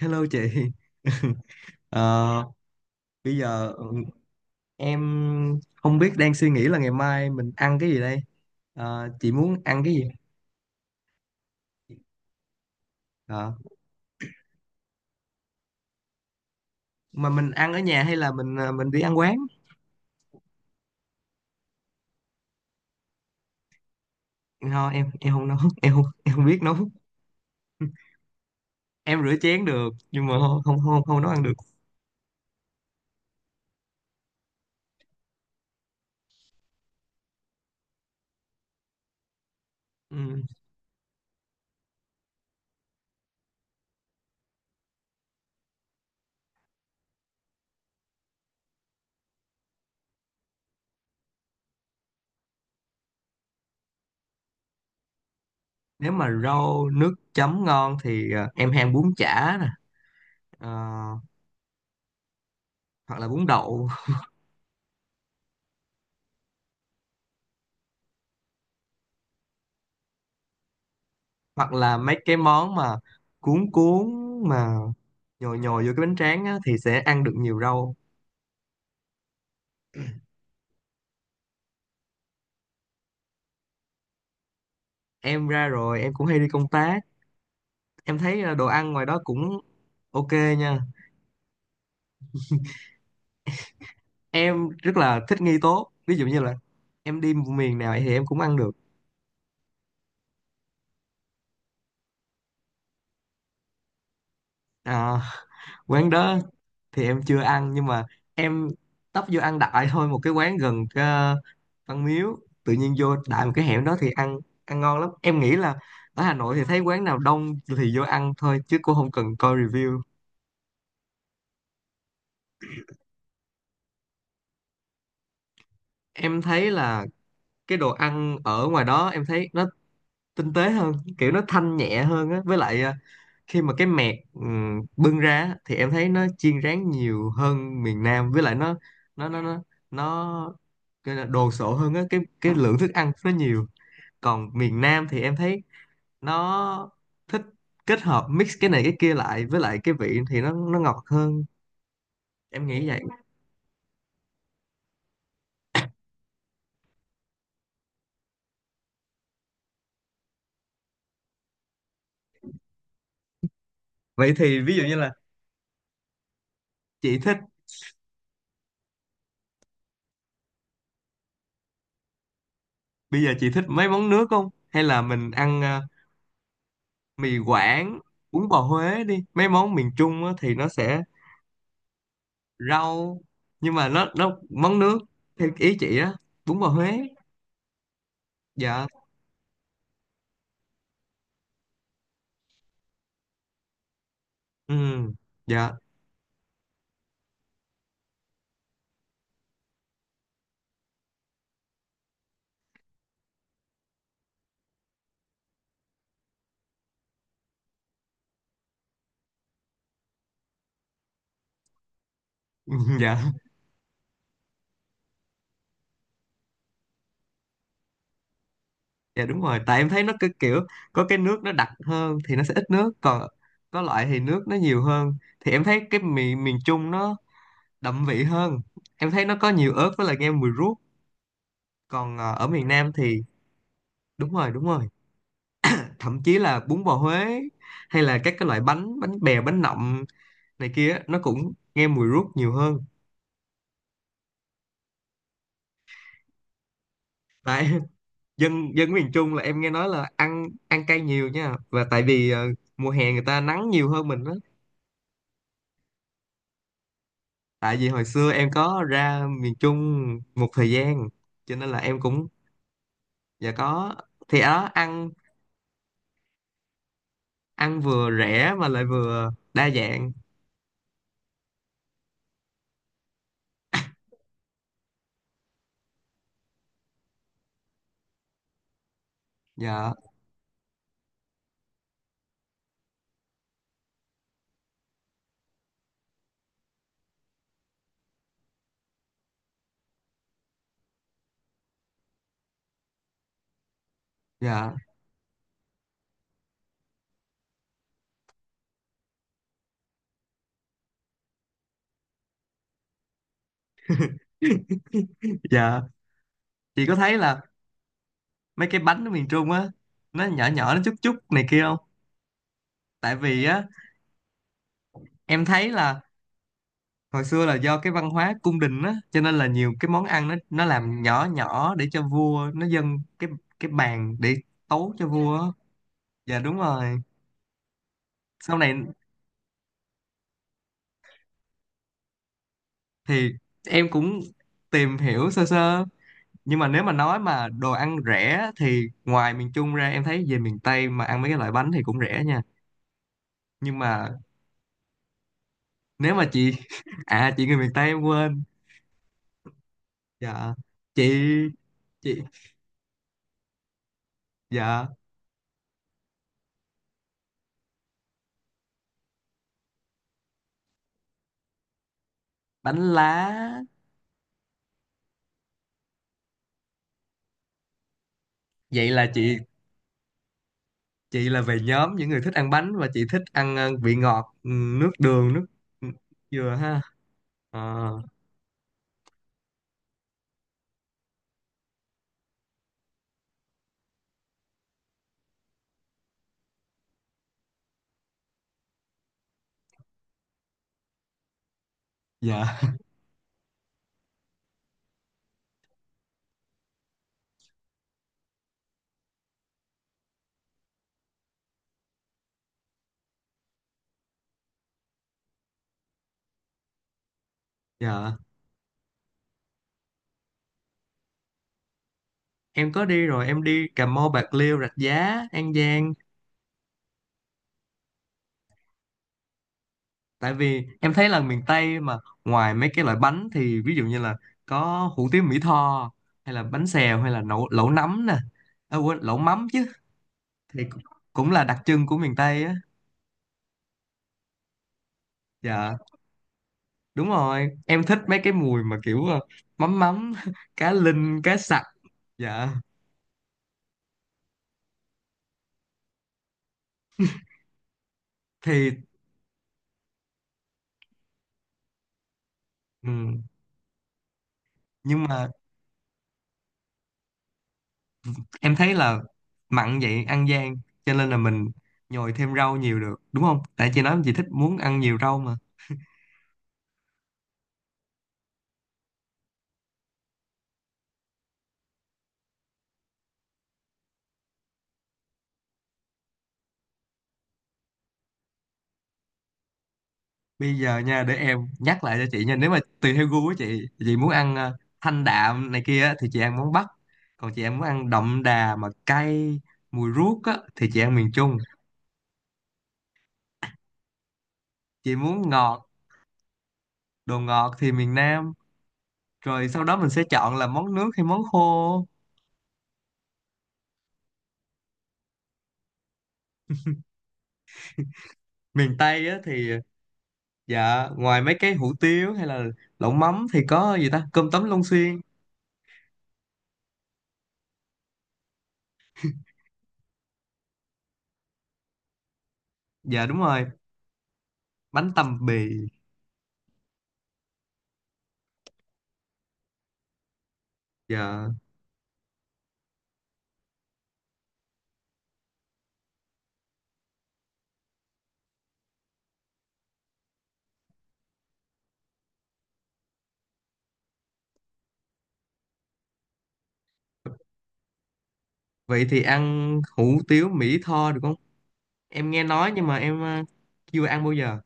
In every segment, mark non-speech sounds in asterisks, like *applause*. Hello chị. *laughs* Ờ, bây giờ em không biết đang suy nghĩ là ngày mai mình ăn cái gì đây. Chị muốn ăn cái gì? Ờ, mà mình ăn ở nhà hay là mình đi ăn quán? No, em không nấu, *laughs* em không biết nấu. *laughs* Em rửa chén được nhưng mà không, không, không, không nấu ăn được. Ừ. Nếu mà rau nước chấm ngon thì em hay ăn bún chả nè, Ờ, hoặc là bún đậu, *laughs* hoặc là mấy cái món mà cuốn cuốn mà nhồi nhồi vô cái bánh tráng á, thì sẽ ăn được nhiều rau. Em ra rồi, em cũng hay đi công tác. Em thấy đồ ăn ngoài đó cũng ok nha. Em rất là thích nghi tốt, ví dụ như là em đi miền nào thì em cũng ăn được. À, *laughs* quán đó thì em chưa ăn nhưng mà em tấp vô ăn đại thôi một cái quán gần Văn Miếu, tự nhiên vô đại một cái hẻm đó thì ăn, ăn ngon lắm. Em nghĩ là ở Hà Nội thì thấy quán nào đông thì vô ăn thôi chứ cũng không cần coi review. Em thấy là cái đồ ăn ở ngoài đó em thấy nó tinh tế hơn, kiểu nó thanh nhẹ hơn á, với lại khi mà cái mẹt bưng ra á, thì em thấy nó chiên rán nhiều hơn miền Nam, với lại nó nó nó nó cái là đồ sộ hơn á, cái lượng thức ăn nó nhiều. Còn miền Nam thì em thấy nó thích kết hợp mix cái này cái kia lại, với lại cái vị thì nó ngọt hơn, em nghĩ vậy. Vậy thì ví dụ như là chị thích, bây giờ chị thích mấy món nước không hay là mình ăn mì Quảng, bún bò Huế đi, mấy món miền Trung á, thì nó sẽ rau, nhưng mà nó món nước theo ý chị á, bún bò Huế. Dạ. Ừ. Dạ. *laughs* Dạ, dạ, đúng rồi, tại em thấy nó cứ kiểu có cái nước nó đặc hơn thì nó sẽ ít nước, còn có loại thì nước nó nhiều hơn. Thì em thấy cái miền miền Trung nó đậm vị hơn, em thấy nó có nhiều ớt, với lại nghe mùi ruốc. Còn ở miền Nam thì đúng rồi, đúng rồi, thậm chí là bún bò Huế hay là các cái loại bánh, bánh bèo, bánh nậm này kia á, nó cũng nghe mùi ruốc nhiều hơn. Tại dân dân miền Trung là em nghe nói là ăn ăn cay nhiều nha, và tại vì mùa hè người ta nắng nhiều hơn mình đó. Tại vì hồi xưa em có ra miền Trung một thời gian, cho nên là em cũng, dạ có, thì ở đó ăn ăn vừa rẻ mà lại vừa đa dạng. Dạ, dạ, dạ. Chị có thấy là mấy cái bánh ở miền Trung á nó nhỏ nhỏ, nó chút chút này kia không? Tại vì á, em thấy là hồi xưa là do cái văn hóa cung đình á, cho nên là nhiều cái món ăn nó làm nhỏ nhỏ để cho vua nó dâng cái bàn để tấu cho vua á. Dạ đúng rồi. Sau này thì em cũng tìm hiểu sơ sơ, nhưng mà nếu mà nói mà đồ ăn rẻ á, thì ngoài miền Trung ra, em thấy về miền Tây mà ăn mấy cái loại bánh thì cũng rẻ nha, nhưng mà nếu mà chị, *laughs* à chị người miền Tây em quên. Dạ. Chị chị Dạ. Bánh lá. Vậy là chị là về nhóm những người thích ăn bánh, và chị thích ăn vị ngọt, nước đường, nước nước dừa ha. Ờ, dạ. *laughs* Dạ, em có đi rồi, em đi Cà Mau, Bạc Liêu, Rạch Giá, An Giang. Tại vì em thấy là miền Tây mà, ngoài mấy cái loại bánh thì ví dụ như là có hủ tiếu Mỹ Tho, hay là bánh xèo, hay là lẩu, lẩu nấm nè, à, quên, lẩu mắm chứ, thì cũng cũng là đặc trưng của miền Tây á. Dạ đúng rồi, em thích mấy cái mùi mà kiểu mắm mắm *laughs* cá linh, cá sặc. Dạ thì, ừ, nhưng mà em thấy là mặn vậy ăn gian, cho nên là mình nhồi thêm rau nhiều được đúng không? Tại chị nói chị thích muốn ăn nhiều rau mà. Bây giờ nha, để em nhắc lại cho chị nha, nếu mà tùy theo gu của chị muốn ăn thanh đạm này kia á, thì chị ăn món Bắc, còn chị em muốn ăn đậm đà mà cay, mùi ruốc á thì chị ăn miền Trung. Chị muốn ngọt, đồ ngọt thì miền Nam. Rồi sau đó mình sẽ chọn là món nước hay món khô. Miền Tây á thì, dạ, ngoài mấy cái hủ tiếu hay là lẩu mắm thì có gì ta, cơm tấm Long Xuyên? Dạ đúng rồi, bánh tằm bì. Dạ. Vậy thì ăn hủ tiếu Mỹ Tho được không? Em nghe nói nhưng mà em chưa ăn bao giờ.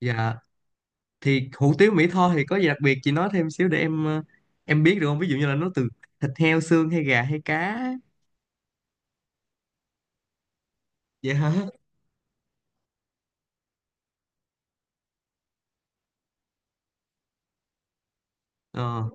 Dạ, thì hủ tiếu Mỹ Tho thì có gì đặc biệt chị nói thêm xíu để em biết được không? Ví dụ như là nó từ thịt heo, xương hay gà hay cá. Dạ, *laughs* hả? Ờ.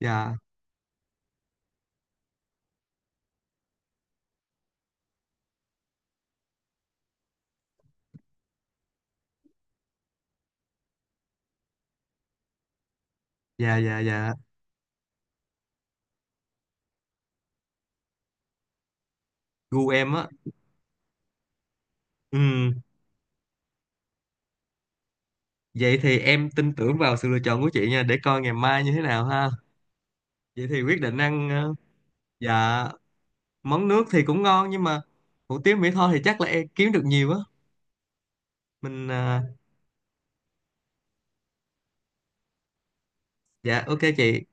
Dạ, dạ, dạ, dạ, gu em á. Ừ. Vậy thì em tin tưởng vào sự lựa chọn của chị nha, để coi ngày mai như thế nào ha. Vậy thì quyết định ăn dạ, món nước thì cũng ngon, nhưng mà hủ tiếu mỹ tho thì chắc là em kiếm được nhiều á, mình dạ, ok chị.